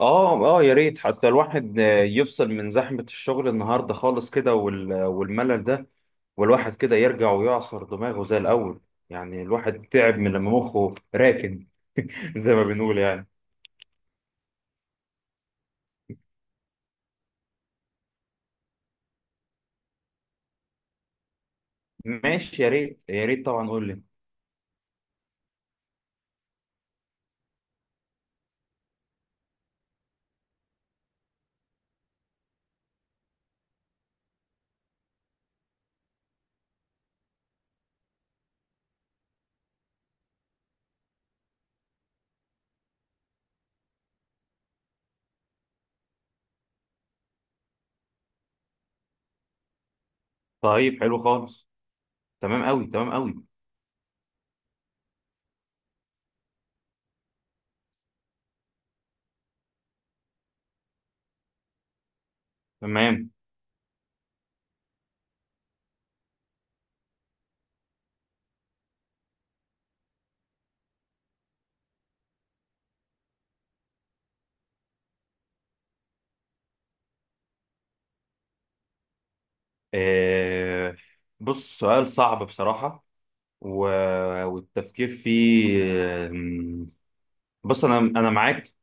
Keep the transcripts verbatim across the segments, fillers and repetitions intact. اه اه يا ريت حتى الواحد آه، يفصل من زحمة الشغل النهاردة خالص كده وال- والملل ده. والواحد كده يرجع ويعصر دماغه زي الأول. يعني الواحد تعب من لما مخه راكن. زي ما بنقول يعني. ماشي، يا ريت يا ريت طبعا، قول لي. طيب، حلو خالص. تمام قوي، تمام قوي. تمام. آه، بص، سؤال صعب بصراحة و... والتفكير فيه. آه، بص، انا انا معاك.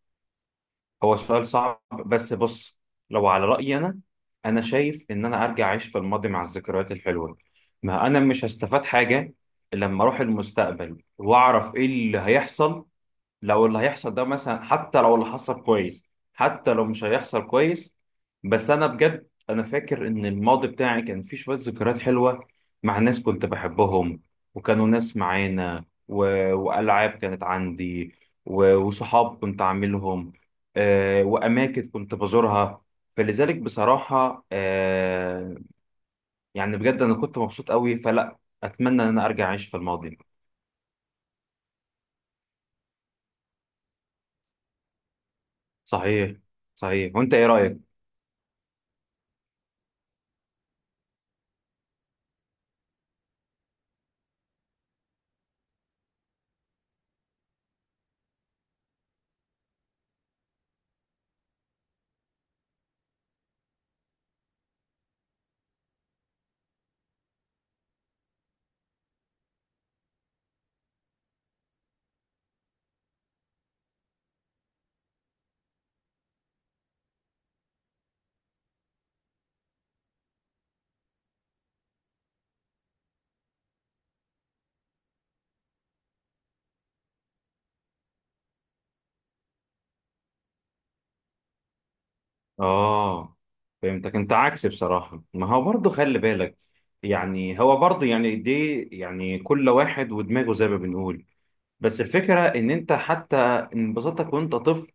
هو سؤال صعب، بس بص، لو على رأيي أنا، أنا شايف إن أنا أرجع أعيش في الماضي مع الذكريات الحلوة. ما أنا مش هستفاد حاجة لما أروح المستقبل وأعرف إيه اللي هيحصل. لو اللي هيحصل ده مثلا، حتى لو اللي حصل كويس، حتى لو مش هيحصل كويس. بس انا بجد انا فاكر ان الماضي بتاعي كان فيه شوية ذكريات حلوة مع ناس كنت بحبهم، وكانوا ناس معانا، و... والعاب كانت عندي، و... وصحاب كنت عاملهم، آه... واماكن كنت بزورها. فلذلك بصراحة، آه... يعني بجد انا كنت مبسوط قوي، فلا اتمنى ان انا ارجع اعيش في الماضي. صحيح. صحيح، وانت ايه رأيك؟ اه، فهمتك. انت عكسي بصراحة. ما هو برضه خلي بالك، يعني هو برضه يعني دي يعني كل واحد ودماغه زي ما بنقول. بس الفكرة ان انت حتى انبساطك وانت طفل،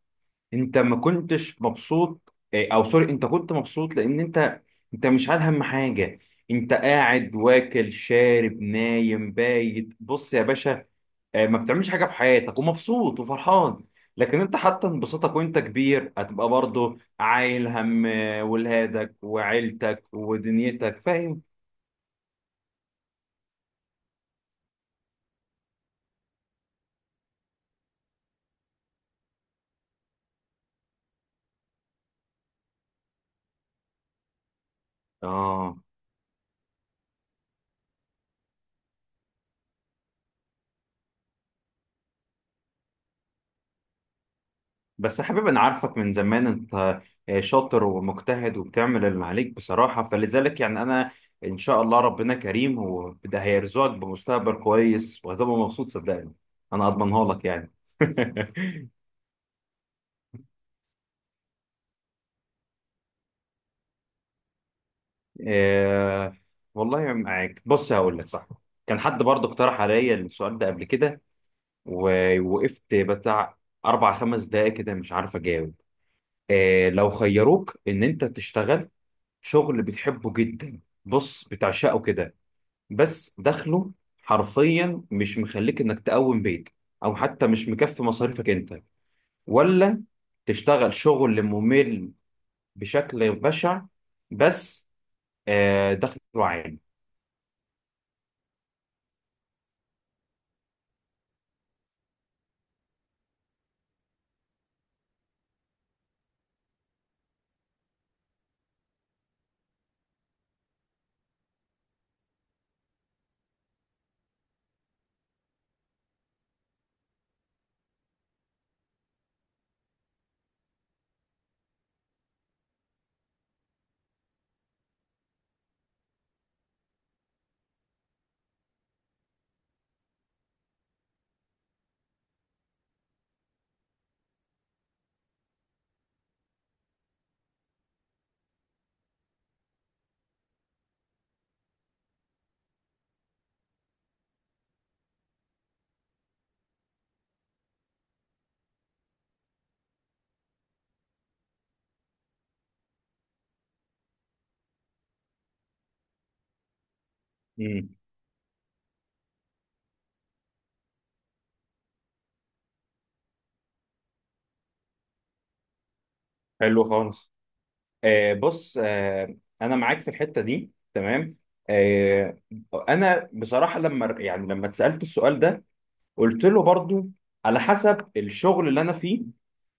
انت ما كنتش مبسوط إيه، او سوري، انت كنت مبسوط لان انت، انت مش عارف هم حاجة. انت قاعد واكل شارب نايم بايت، بص يا باشا، آه، ما بتعملش حاجه في حياتك ومبسوط وفرحان. لكن انت حتى انبساطك وانت كبير هتبقى برضه عايل هم آه، ولادك وعيلتك ودنيتك، فاهم؟ اه. بس يا حبيبي، انا عارفك من زمان انت آه، شاطر ومجتهد وبتعمل اللي عليك بصراحه. فلذلك يعني انا، ان شاء الله ربنا كريم وده هيرزقك بمستقبل كويس وهتبقى مبسوط، صدقني. انا اضمنها لك يعني. إيه، والله معاك. بص، هقول لك صح. كان حد برضه اقترح عليا السؤال ده قبل كده، ووقفت بتاع اربع خمس دقايق كده مش عارف اجاوب. إيه، لو خيروك ان انت تشتغل شغل بتحبه جدا، بص، بتعشقه كده، بس دخله حرفيا مش مخليك انك تقوم بيت، او حتى مش مكفي مصاريفك انت، ولا تشتغل شغل ممل بشكل بشع بس آه، دخله عالي؟ حلو خالص. آه بص، آه انا معاك في الحته دي، تمام. آه، انا بصراحه لما يعني لما اتسالت السؤال ده، قلت له برضو على حسب الشغل اللي انا فيه.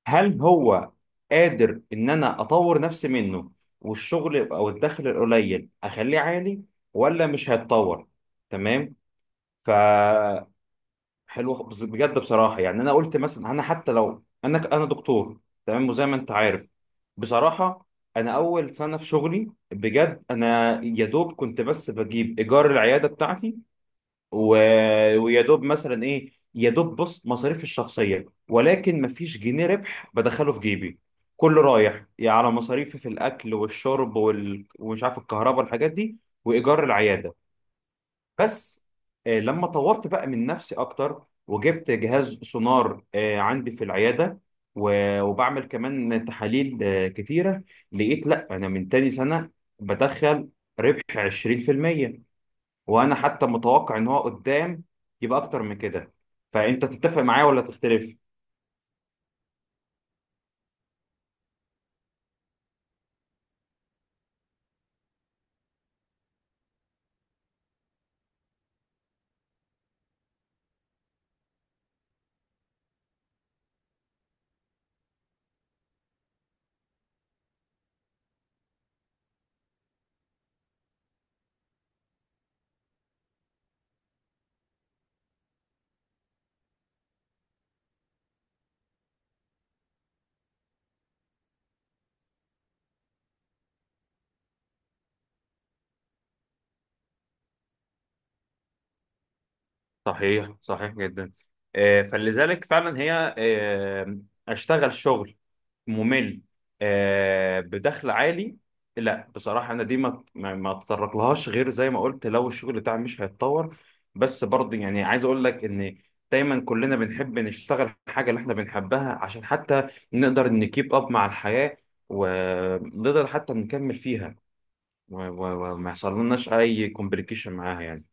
هل هو قادر ان انا اطور نفسي منه والشغل او الدخل القليل اخليه عالي، ولا مش هيتطور؟ تمام. ف، حلو خ- بس بجد بصراحه يعني انا قلت مثلا، انا حتى لو انا ك- انا دكتور، تمام، وزي ما انت عارف. بصراحه انا اول سنه في شغلي بجد انا يا دوب كنت بس بجيب ايجار العياده بتاعتي، و... ويا دوب مثلا ايه، يا دوب بص مصاريفي الشخصيه، ولكن مفيش جنيه ربح بدخله في جيبي، كله رايح يعني على مصاريفي في الاكل والشرب وال... ومش عارف الكهرباء والحاجات دي، وايجار العياده. بس آه، لما طورت بقى من نفسي اكتر وجبت جهاز سونار آه، عندي في العياده، و- وبعمل كمان تحاليل آه، كتيره، لقيت لا انا من تاني سنه بدخل ربح عشرين في المية. وانا حتى متوقع ان هو قدام يبقى اكتر من كده. فانت تتفق معايا ولا تختلف؟ صحيح، صحيح جدا. آه، فلذلك فعلا هي آه، اشتغل شغل ممل آه بدخل عالي؟ لا بصراحة أنا دي ما ما ما أتطرقلهاش غير زي ما قلت لو الشغل بتاعي مش هيتطور. بس برضه يعني عايز أقول لك إن دايما كلنا بنحب نشتغل الحاجة اللي إحنا بنحبها عشان حتى نقدر نكيب أب مع الحياة، ونقدر حتى نكمل فيها، و- و- وما يحصل لناش أي كومبليكيشن معاها يعني.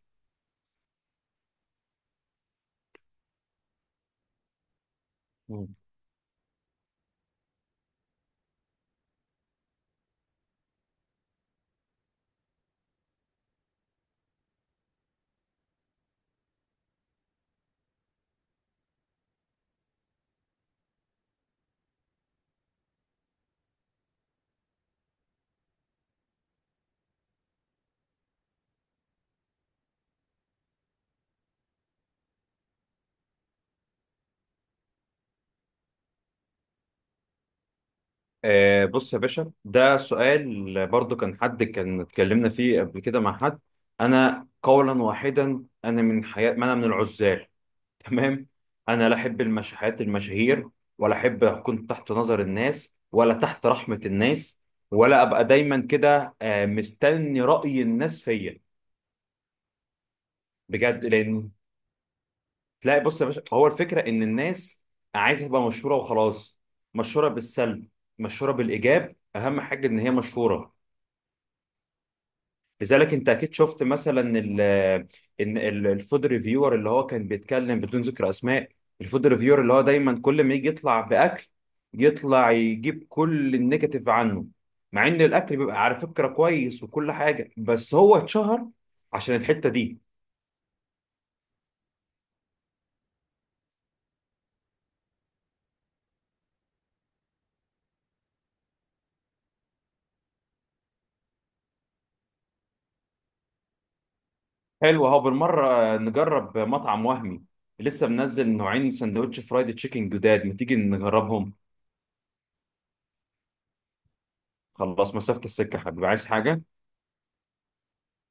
آه، بص يا باشا، ده سؤال برضو كان حد كان اتكلمنا فيه قبل كده مع حد. انا قولا واحدا انا من حياة، ما انا من العزال. تمام. انا لا احب المش- حياة المشاهير، ولا احب اكون تحت نظر الناس ولا تحت رحمة الناس، ولا ابقى دايما كده آه، مستني رأي الناس فيا. بجد، لان تلاقي، بص يا باشا، هو الفكرة ان الناس عايزة تبقى مشهورة وخلاص. مشهورة بالسلب، مشهورة بالإيجاب، أهم حاجة إن هي مشهورة. لذلك انت اكيد شفت مثلا ال ان ال- الفود ريفيور اللي هو كان بيتكلم بدون ذكر اسماء، الفود ريفيور اللي هو دايما كل ما يجي يطلع باكل يطلع يجيب كل النيجاتيف عنه، مع ان الاكل بيبقى على فكره كويس وكل حاجه، بس هو اتشهر عشان الحته دي. حلو، اهو بالمره نجرب مطعم وهمي. لسه منزل نوعين سندوتش فرايد تشيكن جداد، ما تيجي نجربهم. خلاص، مسافه السكه يا حبيبي، عايز حاجه؟